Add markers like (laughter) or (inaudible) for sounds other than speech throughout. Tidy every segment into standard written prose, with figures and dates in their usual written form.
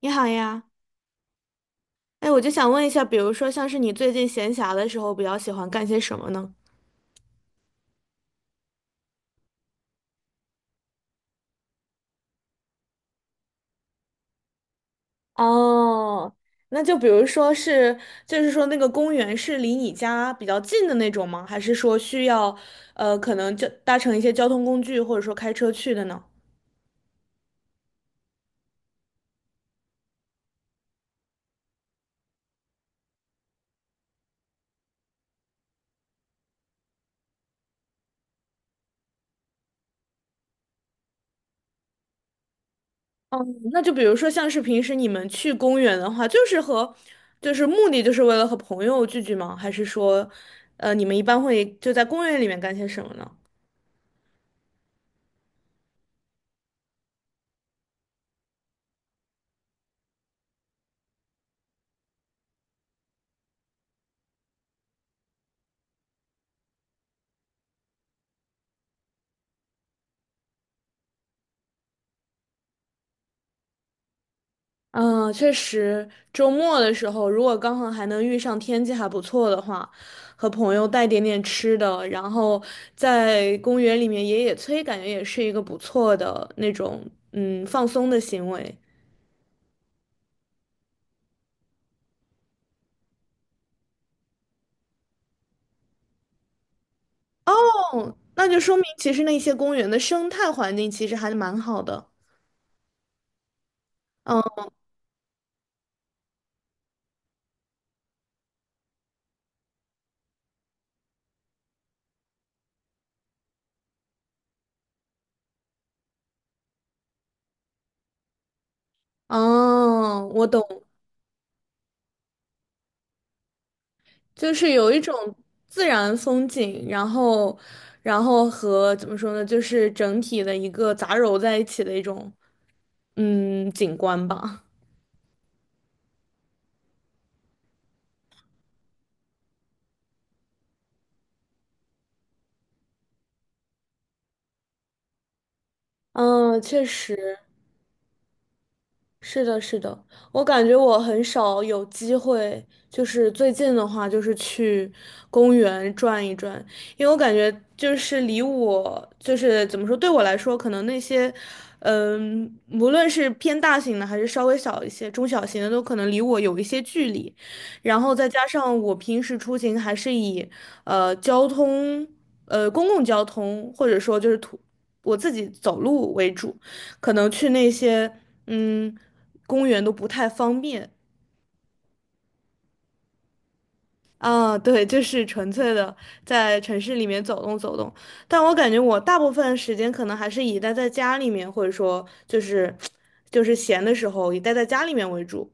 你好呀，我就想问一下，比如说像是你最近闲暇的时候，比较喜欢干些什么呢？哦，那就比如说是，就是说那个公园是离你家比较近的那种吗？还是说需要，可能就搭乘一些交通工具，或者说开车去的呢？哦，那就比如说像是平时你们去公园的话，就是和，就是目的就是为了和朋友聚聚吗？还是说，你们一般会就在公园里面干些什么呢？嗯，确实，周末的时候，如果刚好还能遇上天气还不错的话，和朋友带点点吃的，然后在公园里面野野炊，感觉也是一个不错的那种嗯放松的行为。哦，那就说明其实那些公园的生态环境其实还蛮好的。嗯，哦，我懂，就是有一种自然风景，然后，然后和怎么说呢，就是整体的一个杂糅在一起的一种。嗯，景观吧。嗯，确实，是的，是的，我感觉我很少有机会，就是最近的话，就是去公园转一转，因为我感觉就是离我，就是怎么说，对我来说，可能那些，嗯，无论是偏大型的还是稍微小一些、中小型的，都可能离我有一些距离，然后再加上我平时出行还是以，交通，公共交通，或者说就是土，我自己走路为主。可能去那些嗯公园都不太方便啊。对，就是纯粹的在城市里面走动走动。但我感觉我大部分时间可能还是以待在家里面，或者说就是 (tsk) 就是闲的时候以待在家里面为主。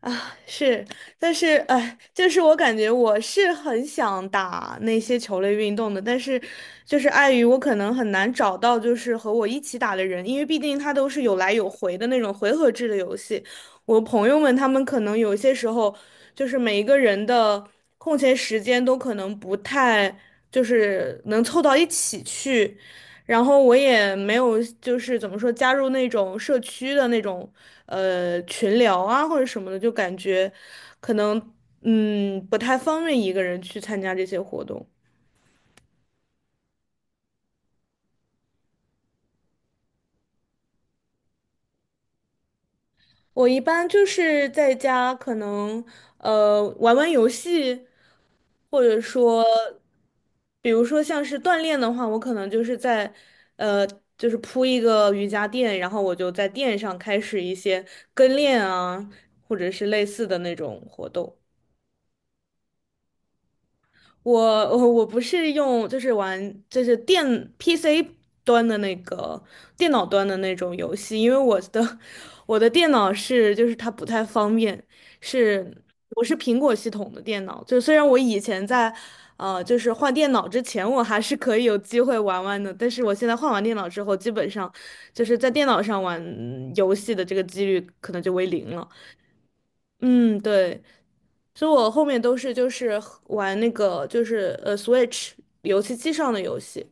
啊，是，但是就是我感觉我是很想打那些球类运动的，但是就是碍于我可能很难找到就是和我一起打的人，因为毕竟它都是有来有回的那种回合制的游戏。我朋友们他们可能有些时候就是每一个人的空闲时间都可能不太就是能凑到一起去。然后我也没有，就是怎么说，加入那种社区的那种群聊啊或者什么的，就感觉可能嗯不太方便一个人去参加这些活动。我一般就是在家，可能玩玩游戏，或者说，比如说像是锻炼的话，我可能就是在呃就是铺一个瑜伽垫，然后我就在垫上开始一些跟练啊，或者是类似的那种活动。我我不是用，就是玩就是电 PC 端的那个电脑端的那种游戏，因为我的 (laughs) 我的电脑是就是它不太方便，是我是苹果系统的电脑，就虽然我以前在就是换电脑之前我还是可以有机会玩玩的，但是我现在换完电脑之后，基本上就是在电脑上玩游戏的这个几率可能就为零了。嗯，对。所以我后面都是就是玩那个就是Switch 游戏机上的游戏。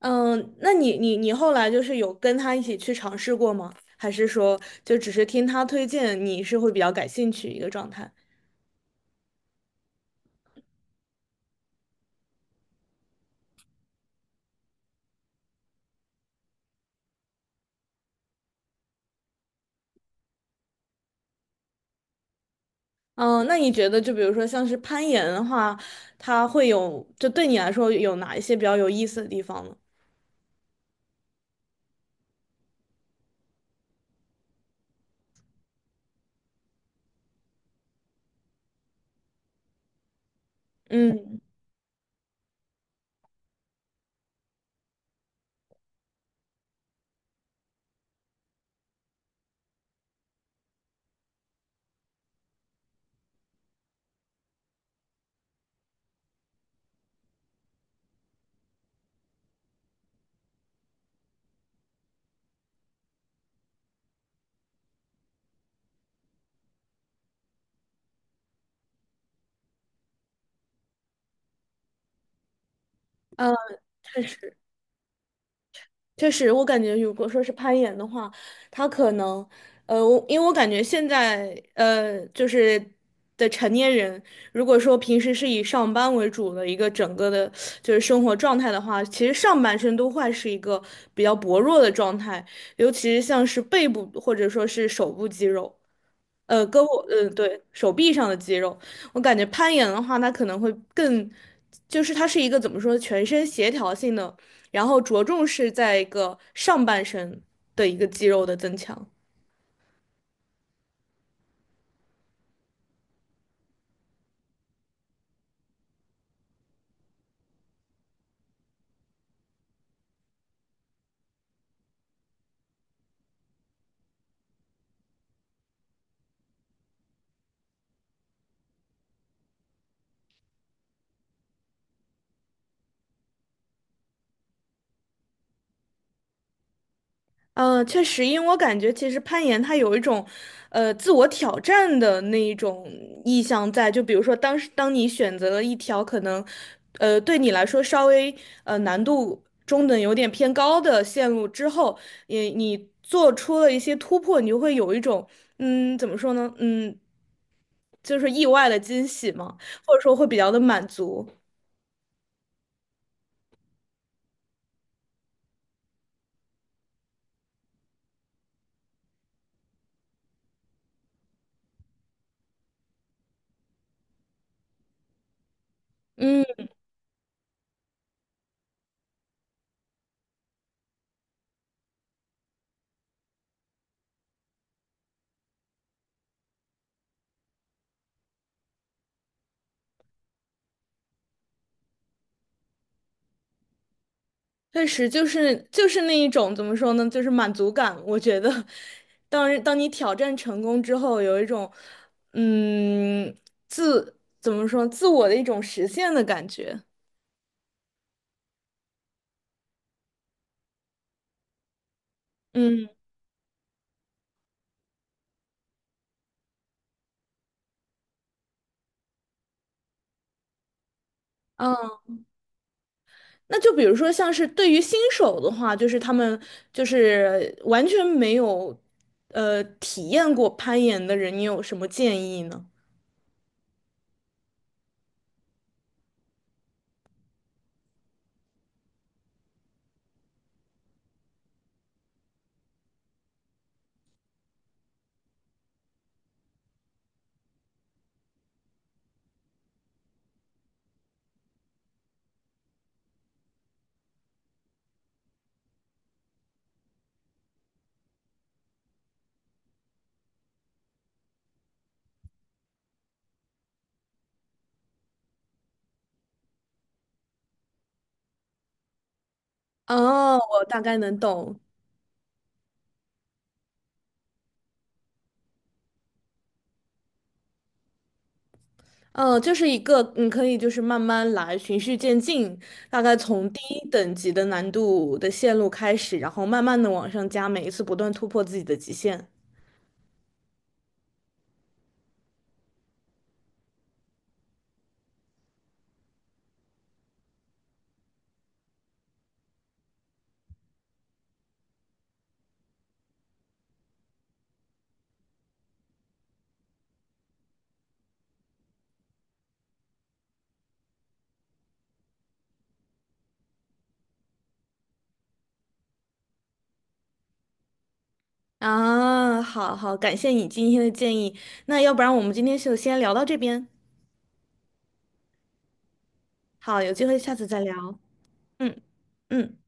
嗯，那你后来就是有跟他一起去尝试过吗？还是说就只是听他推荐，你是会比较感兴趣一个状态？嗯，那你觉得就比如说像是攀岩的话，它会有就对你来说有哪一些比较有意思的地方呢？嗯，呃，确实。确实，我感觉如果说是攀岩的话，他可能，我因为我感觉现在，就是的成年人，如果说平时是以上班为主的一个整个的，就是生活状态的话，其实上半身都会是一个比较薄弱的状态，尤其是像是背部或者说是手部肌肉。胳膊，嗯，对，手臂上的肌肉，我感觉攀岩的话，它可能会更，就是它是一个怎么说，全身协调性的，然后着重是在一个上半身的一个肌肉的增强。确实，因为我感觉其实攀岩它有一种，自我挑战的那一种意向在。就比如说当时，当你选择了一条可能，对你来说稍微难度中等、有点偏高的线路之后，也你做出了一些突破，你就会有一种，嗯，怎么说呢？嗯，就是意外的惊喜嘛，或者说会比较的满足。嗯。确实，就是那一种怎么说呢，就是满足感。我觉得，当你挑战成功之后，有一种嗯自怎么说自我的一种实现的感觉。嗯嗯，那就比如说像是对于新手的话，就是他们就是完全没有体验过攀岩的人，你有什么建议呢？哦，我大概能懂。嗯，就是一个你可以就是慢慢来，循序渐进，大概从低等级的难度的线路开始，然后慢慢的往上加，每一次不断突破自己的极限。啊，好好，感谢你今天的建议。那要不然我们今天就先聊到这边。好，有机会下次再聊。嗯嗯。